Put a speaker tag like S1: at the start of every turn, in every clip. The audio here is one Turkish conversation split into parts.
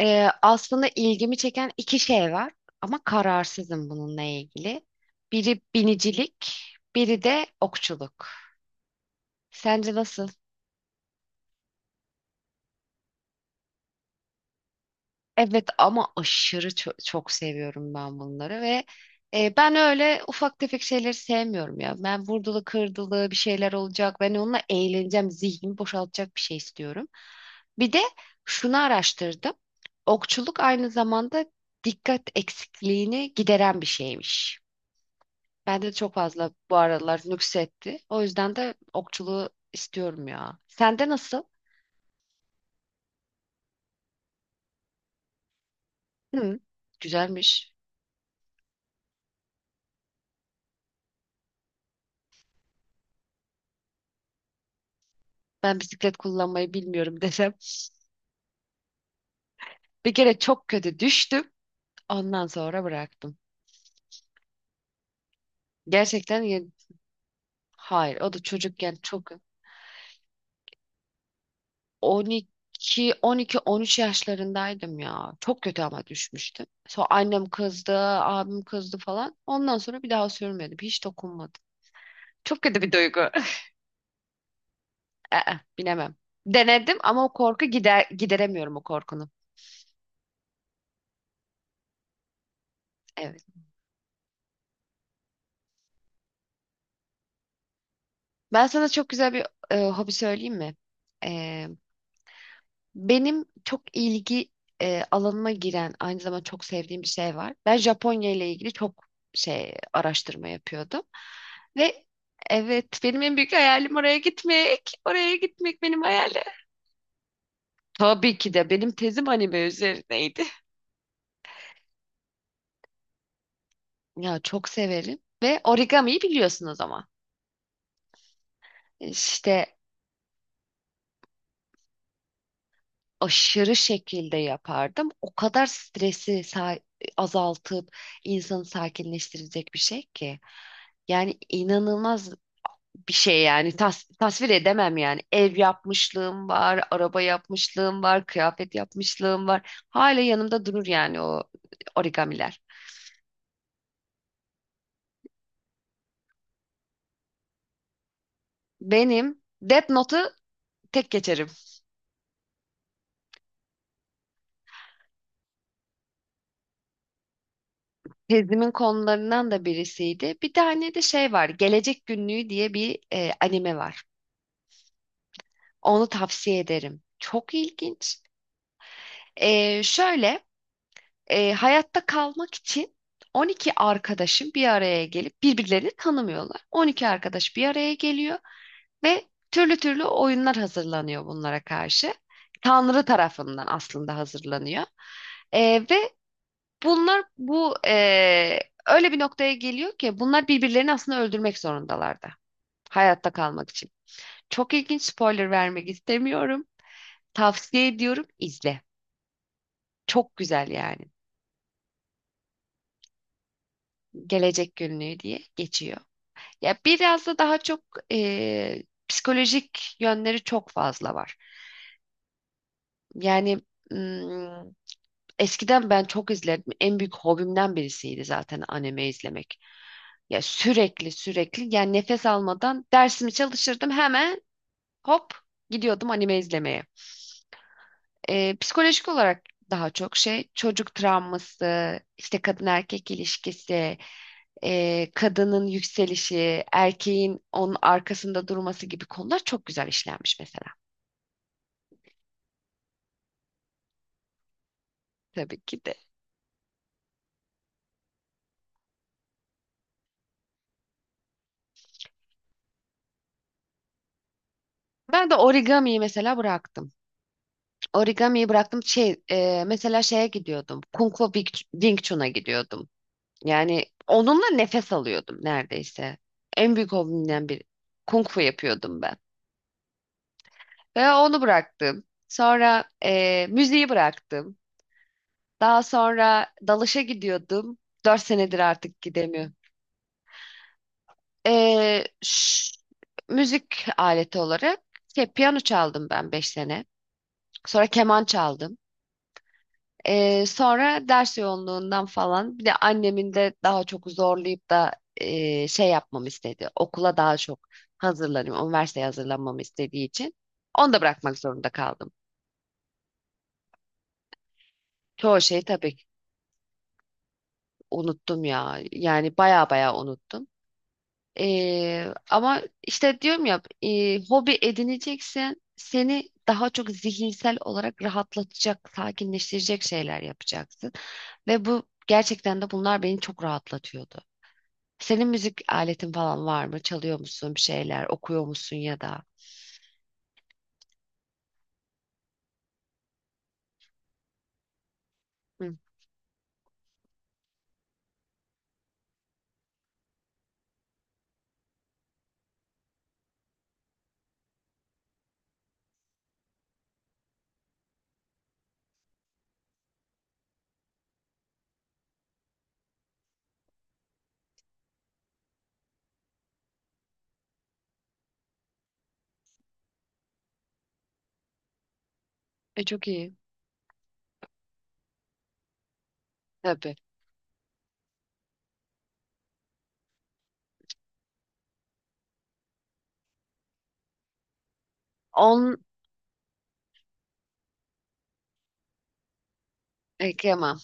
S1: Aslında ilgimi çeken iki şey var ama kararsızım bununla ilgili. Biri binicilik, biri de okçuluk. Sence nasıl? Evet, ama aşırı çok seviyorum ben bunları ve ben öyle ufak tefek şeyleri sevmiyorum ya. Ben vurdulu kırdılı bir şeyler olacak. Ben onunla eğleneceğim, zihnimi boşaltacak bir şey istiyorum. Bir de şunu araştırdım. Okçuluk aynı zamanda dikkat eksikliğini gideren bir şeymiş. Bende de çok fazla bu aralar nüksetti. O yüzden de okçuluğu istiyorum ya. Sende nasıl? Hı, güzelmiş. Ben bisiklet kullanmayı bilmiyorum desem. Bir kere çok kötü düştüm. Ondan sonra bıraktım. Gerçekten ya- hayır, o da çocukken çok. 12. 12, 13 yaşlarındaydım ya. Çok kötü ama düşmüştüm. Sonra annem kızdı, abim kızdı falan. Ondan sonra bir daha sürmedim. Hiç dokunmadım. Çok kötü bir duygu. Aa, binemem. Denedim ama o korku gider gideremiyorum o korkunu. Evet. Ben sana çok güzel bir hobi söyleyeyim mi? E, Benim çok ilgi alanıma giren aynı zamanda çok sevdiğim bir şey var. Ben Japonya ile ilgili çok şey araştırma yapıyordum ve evet, benim en büyük hayalim oraya gitmek. Oraya gitmek benim hayalim. Tabii ki de benim tezim anime üzerineydi. Ya çok severim ve origamiyi biliyorsunuz ama. İşte aşırı şekilde yapardım. O kadar stresi azaltıp insanı sakinleştirecek bir şey ki. Yani inanılmaz bir şey yani, tasvir edemem yani. Ev yapmışlığım var, araba yapmışlığım var, kıyafet yapmışlığım var. Hala yanımda durur yani o origamiler. Benim Death Note'u tek geçerim. Tezimin konularından da birisiydi. Bir tane de şey var. Gelecek Günlüğü diye bir anime var. Onu tavsiye ederim. Çok ilginç. Şöyle, hayatta kalmak için 12 arkadaşın bir araya gelip birbirlerini tanımıyorlar. 12 arkadaş bir araya geliyor ve türlü türlü oyunlar hazırlanıyor bunlara karşı. Tanrı tarafından aslında hazırlanıyor. Ve bunlar bu öyle bir noktaya geliyor ki bunlar birbirlerini aslında öldürmek zorundalar da hayatta kalmak için. Çok ilginç, spoiler vermek istemiyorum. Tavsiye ediyorum, izle. Çok güzel yani. Gelecek günlüğü diye geçiyor. Ya biraz da daha çok psikolojik yönleri çok fazla var. Yani mm, eskiden ben çok izledim. En büyük hobimden birisiydi zaten anime izlemek. Ya sürekli sürekli yani nefes almadan dersimi çalışırdım, hemen hop gidiyordum anime izlemeye. Psikolojik olarak daha çok şey çocuk travması, işte kadın erkek ilişkisi, kadının yükselişi, erkeğin onun arkasında durması gibi konular çok güzel işlenmiş mesela. Tabii ki de. Ben de origamiyi mesela bıraktım. Origamiyi bıraktım. Şey, mesela şeye gidiyordum. Kung Fu Wing Chun'a gidiyordum. Yani onunla nefes alıyordum neredeyse. En büyük hobimden biri. Kung Fu yapıyordum ben. Ve onu bıraktım. Sonra müziği bıraktım. Daha sonra dalışa gidiyordum. 4 senedir artık gidemiyorum. Ee, ş- Müzik aleti olarak şey, piyano çaldım ben 5 sene. Sonra keman çaldım. Sonra ders yoğunluğundan falan, bir de annemin de daha çok zorlayıp da şey yapmamı istedi. Okula daha çok hazırlanayım, üniversiteye hazırlanmamı istediği için onu da bırakmak zorunda kaldım. Çoğu şeyi tabii ki unuttum ya. Yani baya baya unuttum. Ama işte diyorum ya, hobi edineceksen seni daha çok zihinsel olarak rahatlatacak, sakinleştirecek şeyler yapacaksın. Ve bu gerçekten de bunlar beni çok rahatlatıyordu. Senin müzik aletin falan var mı? Çalıyor musun bir şeyler? Okuyor musun ya da? Hı. E, çok iyi. Tabii. On, Kıyamam.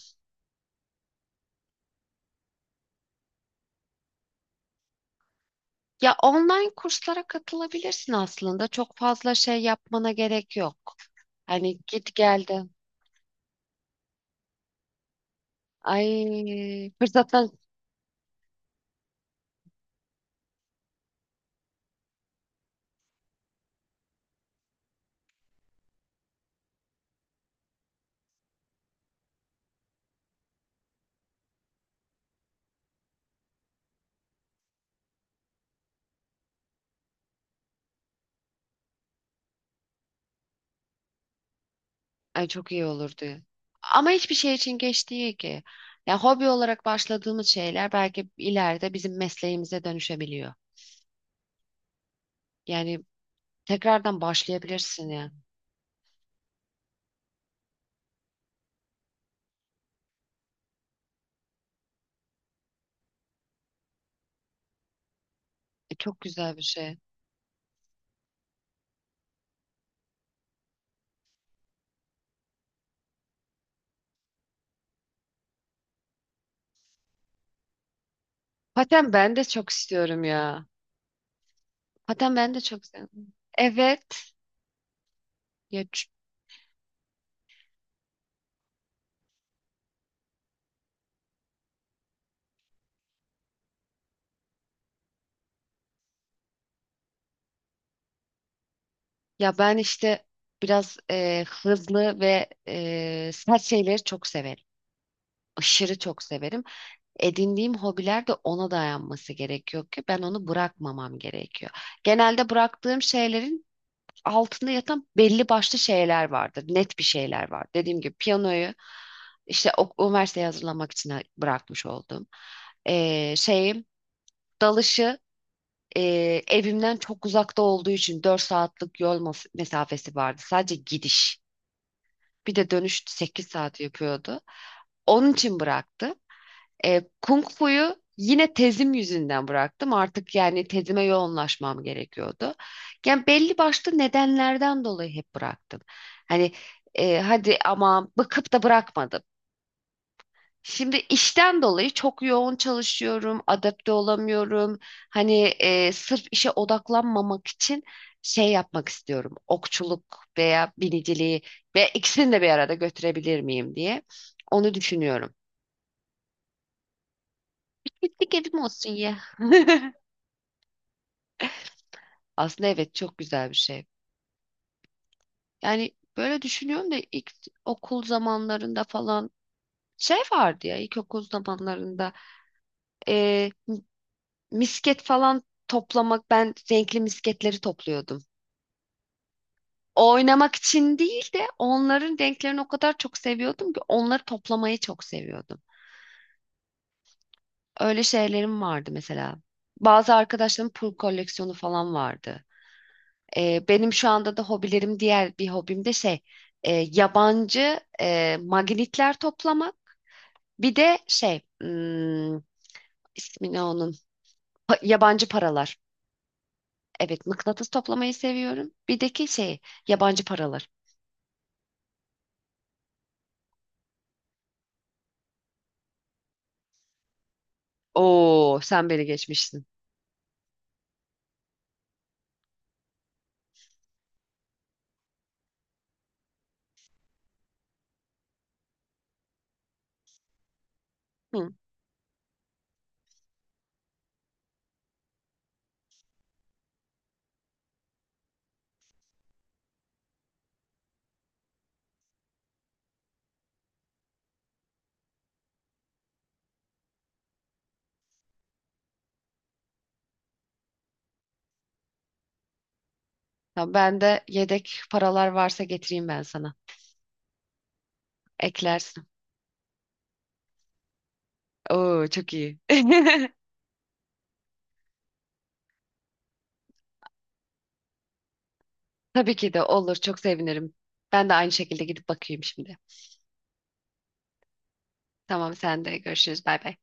S1: Ya online kurslara katılabilirsin aslında. Çok fazla şey yapmana gerek yok. Hani git geldim. Ay fırsattan Ay, çok iyi olurdu. Ama hiçbir şey için geç değil ki. Ya hobi olarak başladığımız şeyler belki ileride bizim mesleğimize dönüşebiliyor. Yani tekrardan başlayabilirsin ya. Çok güzel bir şey. Paten ben de çok istiyorum ya. Paten ben de çok istiyorum. Evet. Ya, ç- Ya, ben işte biraz hızlı ve sert şeyleri çok severim. Aşırı çok severim. Edindiğim hobiler de ona dayanması gerekiyor ki ben onu bırakmamam gerekiyor. Genelde bıraktığım şeylerin altında yatan belli başlı şeyler vardır. Net bir şeyler var. Dediğim gibi piyanoyu işte üniversiteye hazırlamak için bırakmış oldum. Şeyim, dalışı, e, evimden çok uzakta olduğu için 4 saatlik yol mesafesi vardı. Sadece gidiş. Bir de dönüş 8 saat yapıyordu. Onun için bıraktım. Kung Fu'yu yine tezim yüzünden bıraktım. Artık yani tezime yoğunlaşmam gerekiyordu. Yani belli başlı nedenlerden dolayı hep bıraktım. Hani, hadi ama bıkıp da bırakmadım. Şimdi işten dolayı çok yoğun çalışıyorum, adapte olamıyorum. Hani, sırf işe odaklanmamak için şey yapmak istiyorum. Okçuluk veya biniciliği, ve ikisini de bir arada götürebilir miyim diye onu düşünüyorum. Gittik evim olsun ya. Aslında evet, çok güzel bir şey. Yani böyle düşünüyorum da ilk okul zamanlarında falan şey vardı ya, ilkokul zamanlarında e, misket falan toplamak, ben renkli misketleri topluyordum. Oynamak için değil de onların renklerini o kadar çok seviyordum ki onları toplamayı çok seviyordum. Öyle şeylerim vardı mesela. Bazı arkadaşlarımın pul koleksiyonu falan vardı. Benim şu anda da hobilerim, diğer bir hobim de şey, yabancı magnetler toplamak. Bir de şey, ismi ne onun? Yabancı paralar. Evet, mıknatıs toplamayı seviyorum. Bir de ki şey, yabancı paralar. Oo, sen beni geçmişsin. Hı. Tamam, ben de yedek paralar varsa getireyim ben sana. Eklersin. Oo, çok iyi. Tabii ki de olur, çok sevinirim. Ben de aynı şekilde gidip bakayım şimdi. Tamam, sen de görüşürüz, bay bay.